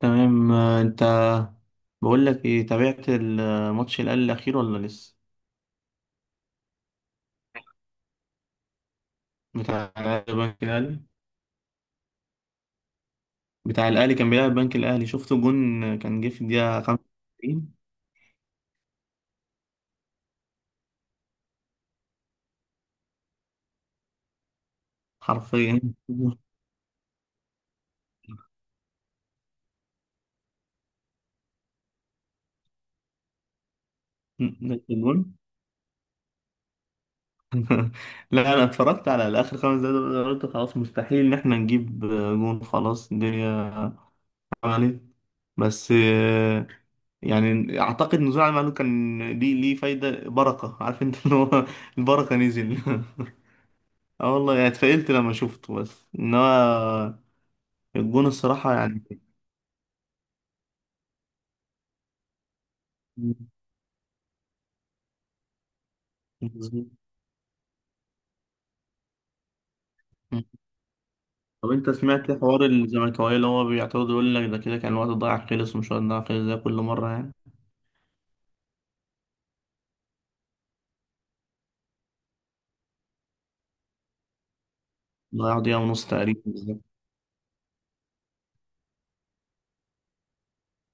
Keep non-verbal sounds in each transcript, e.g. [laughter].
تمام، انت بقول لك ايه؟ تابعت الماتش الاهلي الاخير ولا لسه؟ بتاع البنك الاهلي. بتاع الاهلي كان بيلعب البنك الاهلي. شفت الجون؟ كان جه في الدقيقه 25 حرفيا. [laughs] نفس الجون. [laughs] لا انا اتفرجت على اخر خمس دقايق دول، قلت خلاص مستحيل ان احنا نجيب جون. خلاص الدنيا عملت، بس يعني اعتقد نزوع المعلول كان ليه ليه فايده. بركه، عارف انت اللي هو [laughs] البركه نزل. [laughs] اه والله يعني اتفائلت لما شفته، بس انما الجون الصراحة يعني. مم. مظبوط. مم. طب انت سمعت حوار الزملكاوية اللي هو بيعترض يقول لك ده كده كان الوقت ضايع خلص ومش وقت ضايع خلص زي كل مرة؟ يعني ضيع دقيقة ونص تقريبا بالظبط.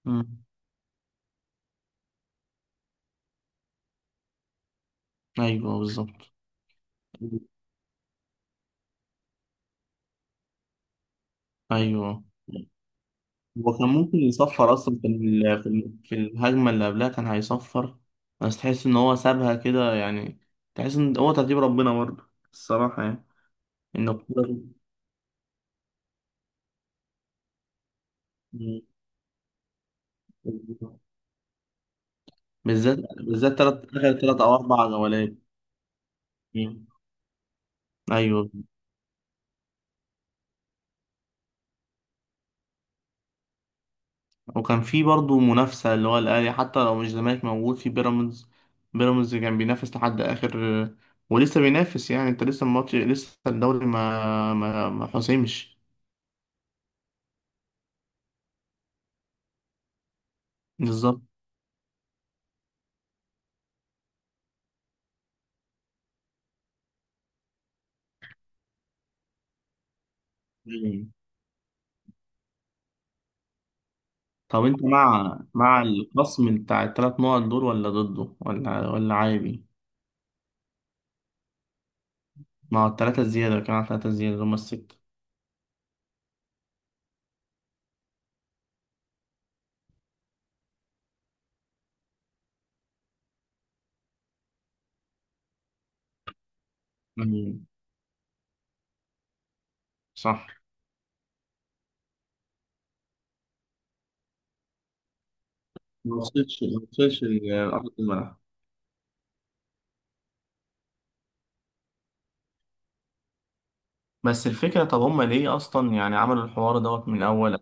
مم. ايوه بالظبط. ايوه، هو كان ممكن يصفر اصلا في الهجمة اللي قبلها، كان هيصفر، بس تحس ان هو سابها كده يعني. تحس ان هو ترتيب ربنا برضه الصراحة يعني. انه بالذات بالذات تلات آخر تلات أو أربع جولات. مم. أيوه. وكان في برضه منافسة، اللي هو الأهلي حتى لو مش زمالك موجود، في بيراميدز. بيراميدز كان بينافس لحد آخر، ولسه بينافس. يعني أنت لسه الماتش، لسه الدوري ما حسمش. بالظبط. مم. طب أنت مع الخصم بتاع التلات نقط دول ولا ضده ولا عادي؟ مع التلاتة الزيادة، كان على التلاتة الزيادة هما الستة. مم. صح. ما وصلش ما وصلش لأرض الملعب. بس الفكرة طب هما ليه أصلا يعني عملوا الحوار دوت من الأول؟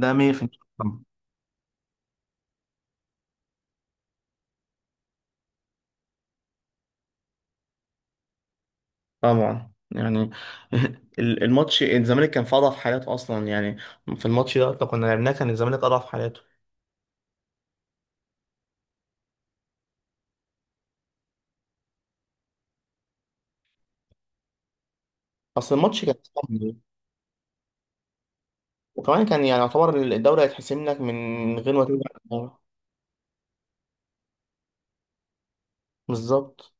ده مية في المية طبعا يعني. [laughs] الماتش الزمالك كان في اضعف حالاته اصلا يعني. في الماتش ده لو كنا لعبناه، كان الزمالك اضعف حالاته. اصل الماتش كان صعب، وكمان كان يعني يعتبر الدوري هيتحسم لك من غير ما تلعب. بالظبط.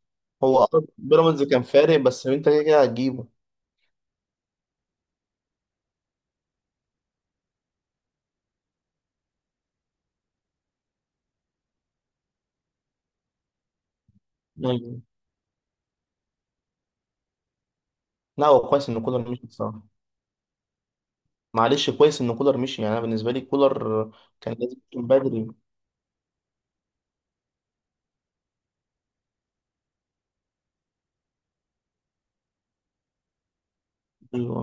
هو بيراميدز كان فارق، بس انت كده كده هتجيبه يعني. لا هو كويس ان كولر مشي بصراحه. معلش، كويس ان كولر مشي. يعني انا بالنسبه لي كولر كان لازم يكون بدري. ايوه.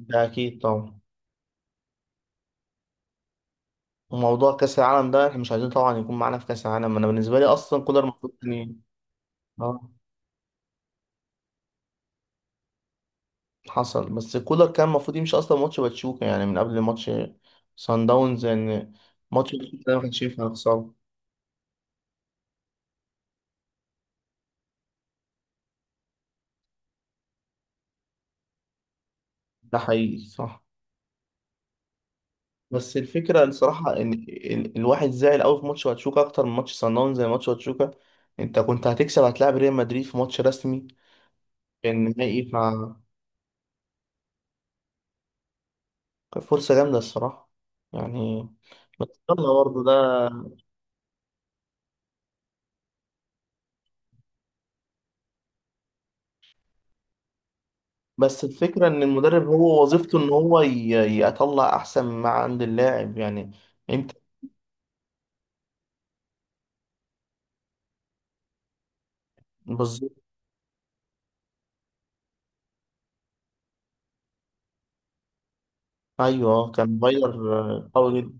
ده اكيد طبعا. وموضوع كاس العالم ده احنا مش عايزين طبعا يكون معانا في كاس العالم. انا بالنسبه لي اصلا كولر المفروض كان اه حصل، بس كولر كان المفروض يمشي اصلا ماتش باتشوكا يعني، من قبل ماتش سان داونز يعني. ماتش باتشوكا ده ما كانش ينفع نخسره. ده حقيقي صح. بس الفكره الصراحه ان الواحد زعل قوي في ماتش باتشوكا اكتر من ماتش سان داونز. زي ماتش باتشوكا، انت كنت هتكسب، هتلاعب ريال مدريد في ماتش رسمي، كان نهائي كانت فرصه جامده الصراحه يعني. بس يلا برضه ده. بس الفكرة إن المدرب هو وظيفته إن هو يطلع أحسن ما عند اللاعب يعني. أنت بالظبط. أيوه، كان فايلر قوي جدا.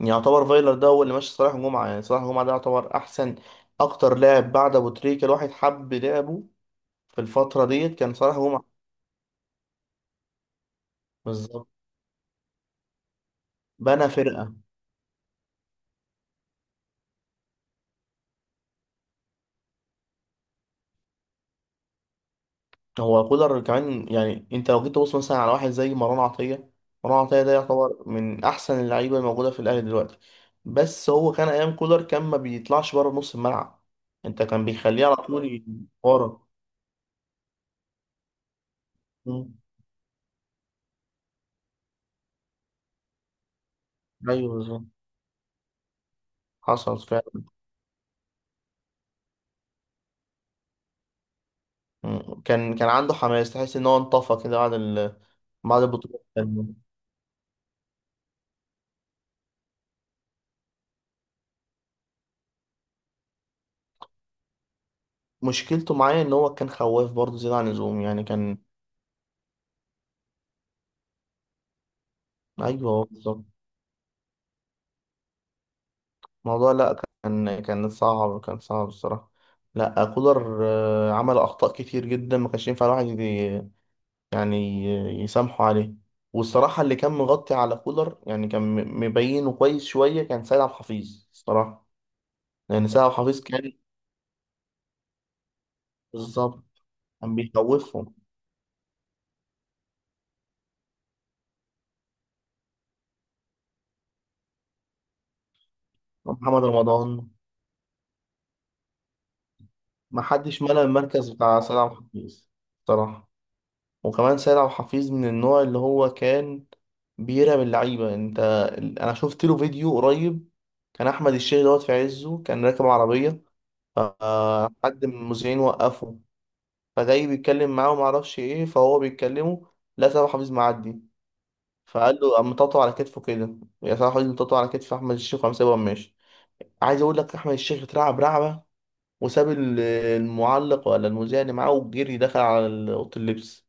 يعتبر فايلر ده هو اللي ماشي صلاح جمعة. يعني صلاح جمعة ده يعتبر أحسن، أكتر لاعب بعد أبو تريكة الواحد حب لعبه. في الفترة ديت كان صلاح جمعة. بالظبط. بنى فرقة. هو كولر كمان يعني انت لو جيت تبص مثلا على واحد زي مروان عطية. مروان عطية ده يعتبر من احسن اللعيبة الموجودة في الاهلي دلوقتي، بس هو كان ايام كولر كان ما بيطلعش بره نص الملعب. انت كان بيخليه على طول ورا. مم. ايوه بالظبط. حصل فعلا. مم. كان عنده حماس، تحس ان هو انطفى كده بعد ال... بعد البطولة. مشكلته معايا ان هو كان خواف برضه زيادة عن اللزوم يعني. كان ايوه بالظبط الموضوع. لا، كان صعب، كان صعب الصراحة. لا كولر عمل أخطاء كتير جدا، ما كانش ينفع الواحد يعني يسامحه عليه. والصراحة اللي كان مغطي على كولر، يعني كان مبينه كويس شوية، كان سيد عبد الحفيظ الصراحة. لأن سيد عبد الحفيظ كان بالظبط كان بيخوفهم. محمد رمضان ما حدش ملأ المركز بتاع سيد عبد الحفيظ الصراحة. وكمان سيد عبد الحفيظ من النوع اللي هو كان بيرعب اللعيبة. انت انا شفت له فيديو قريب، كان احمد الشيخ دوت في عزه كان راكب عربية، فحد من المذيعين وقفه، فجاي بيتكلم معاه ومعرفش ايه، فهو بيتكلمه، لا سيد عبد الحفيظ معدي، فقال له قام مطاطه على كتفه كده، يا سيد عبد الحفيظ مطاطه على كتف احمد الشيخ، وقام سايبه وقام ماشي. عايز اقول لك احمد الشيخ اترعب رعبة، وساب المعلق ولا المذيع اللي معاه، وجري دخل على اوضه اللبس.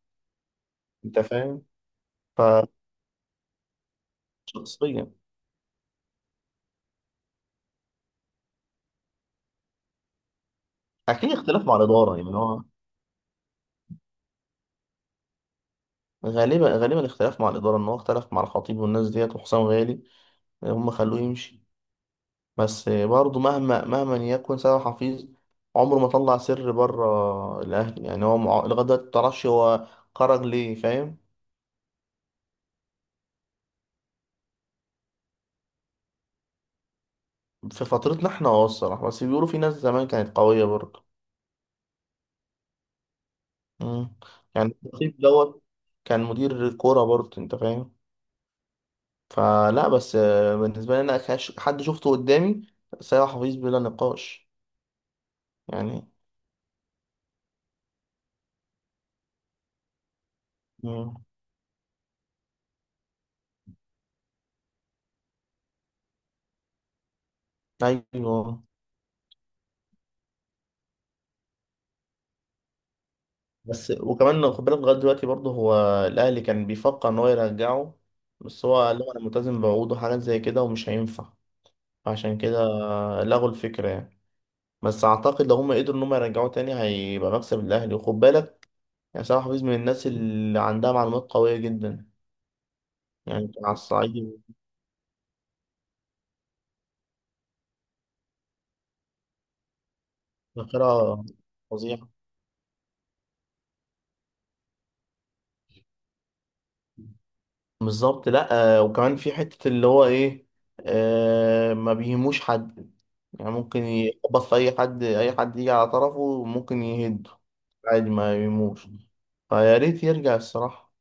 انت فاهم؟ فشخصيا، اكيد اختلاف مع الاداره يعني. هو غالبا غالبا الاختلاف مع الاداره ان هو اختلف مع الخطيب والناس ديت وحسام غالي، هم خلوه يمشي. بس برضه مهما مهما يكن، سامح حفيظ عمره ما طلع سر بره الاهلي يعني. هو لغايه دلوقتي ما تعرفش هو خرج ليه، فاهم؟ في فترتنا احنا الصراحه، بس بيقولوا في ناس زمان كانت قويه برضه. مم. يعني الخطيب دوت كان مدير كوره برضه، انت فاهم؟ فلا، بس بالنسبه لي انا حد شفته قدامي، سامح حفيظ بلا نقاش يعني. مم. ايوه. بس وكمان خد بالك، لغايه دلوقتي برضه هو الاهلي كان بيفكر ان هو يرجعه، بس هو قال لهم انا ملتزم بعقوده، حاجات زي كده، ومش هينفع. عشان كده لغوا الفكره يعني. بس اعتقد لو هم قدروا ان هم يرجعوه تاني هيبقى مكسب الاهلي. وخد بالك يعني سامح حفيظ من الناس اللي عندها معلومات قويه جدا. يعني كان على الصعيد ذاكره فظيعه. بالظبط. لا وكمان في حتة اللي هو ايه، ما بيهموش حد. يعني ممكن يخبط في اي حد، اي حد يجي على طرفه ممكن يهده عادي، ما يهموش. فيا ريت يرجع الصراحة،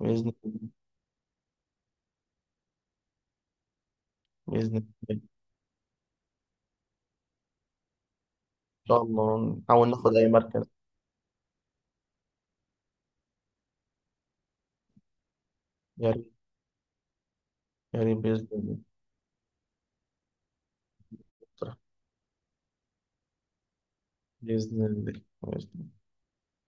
بإذن الله. بإذن الله إن شاء الله نحاول ناخد أي مركز. يا ريت. يا ريت بإذن الله. بإذن الله بإذن الله.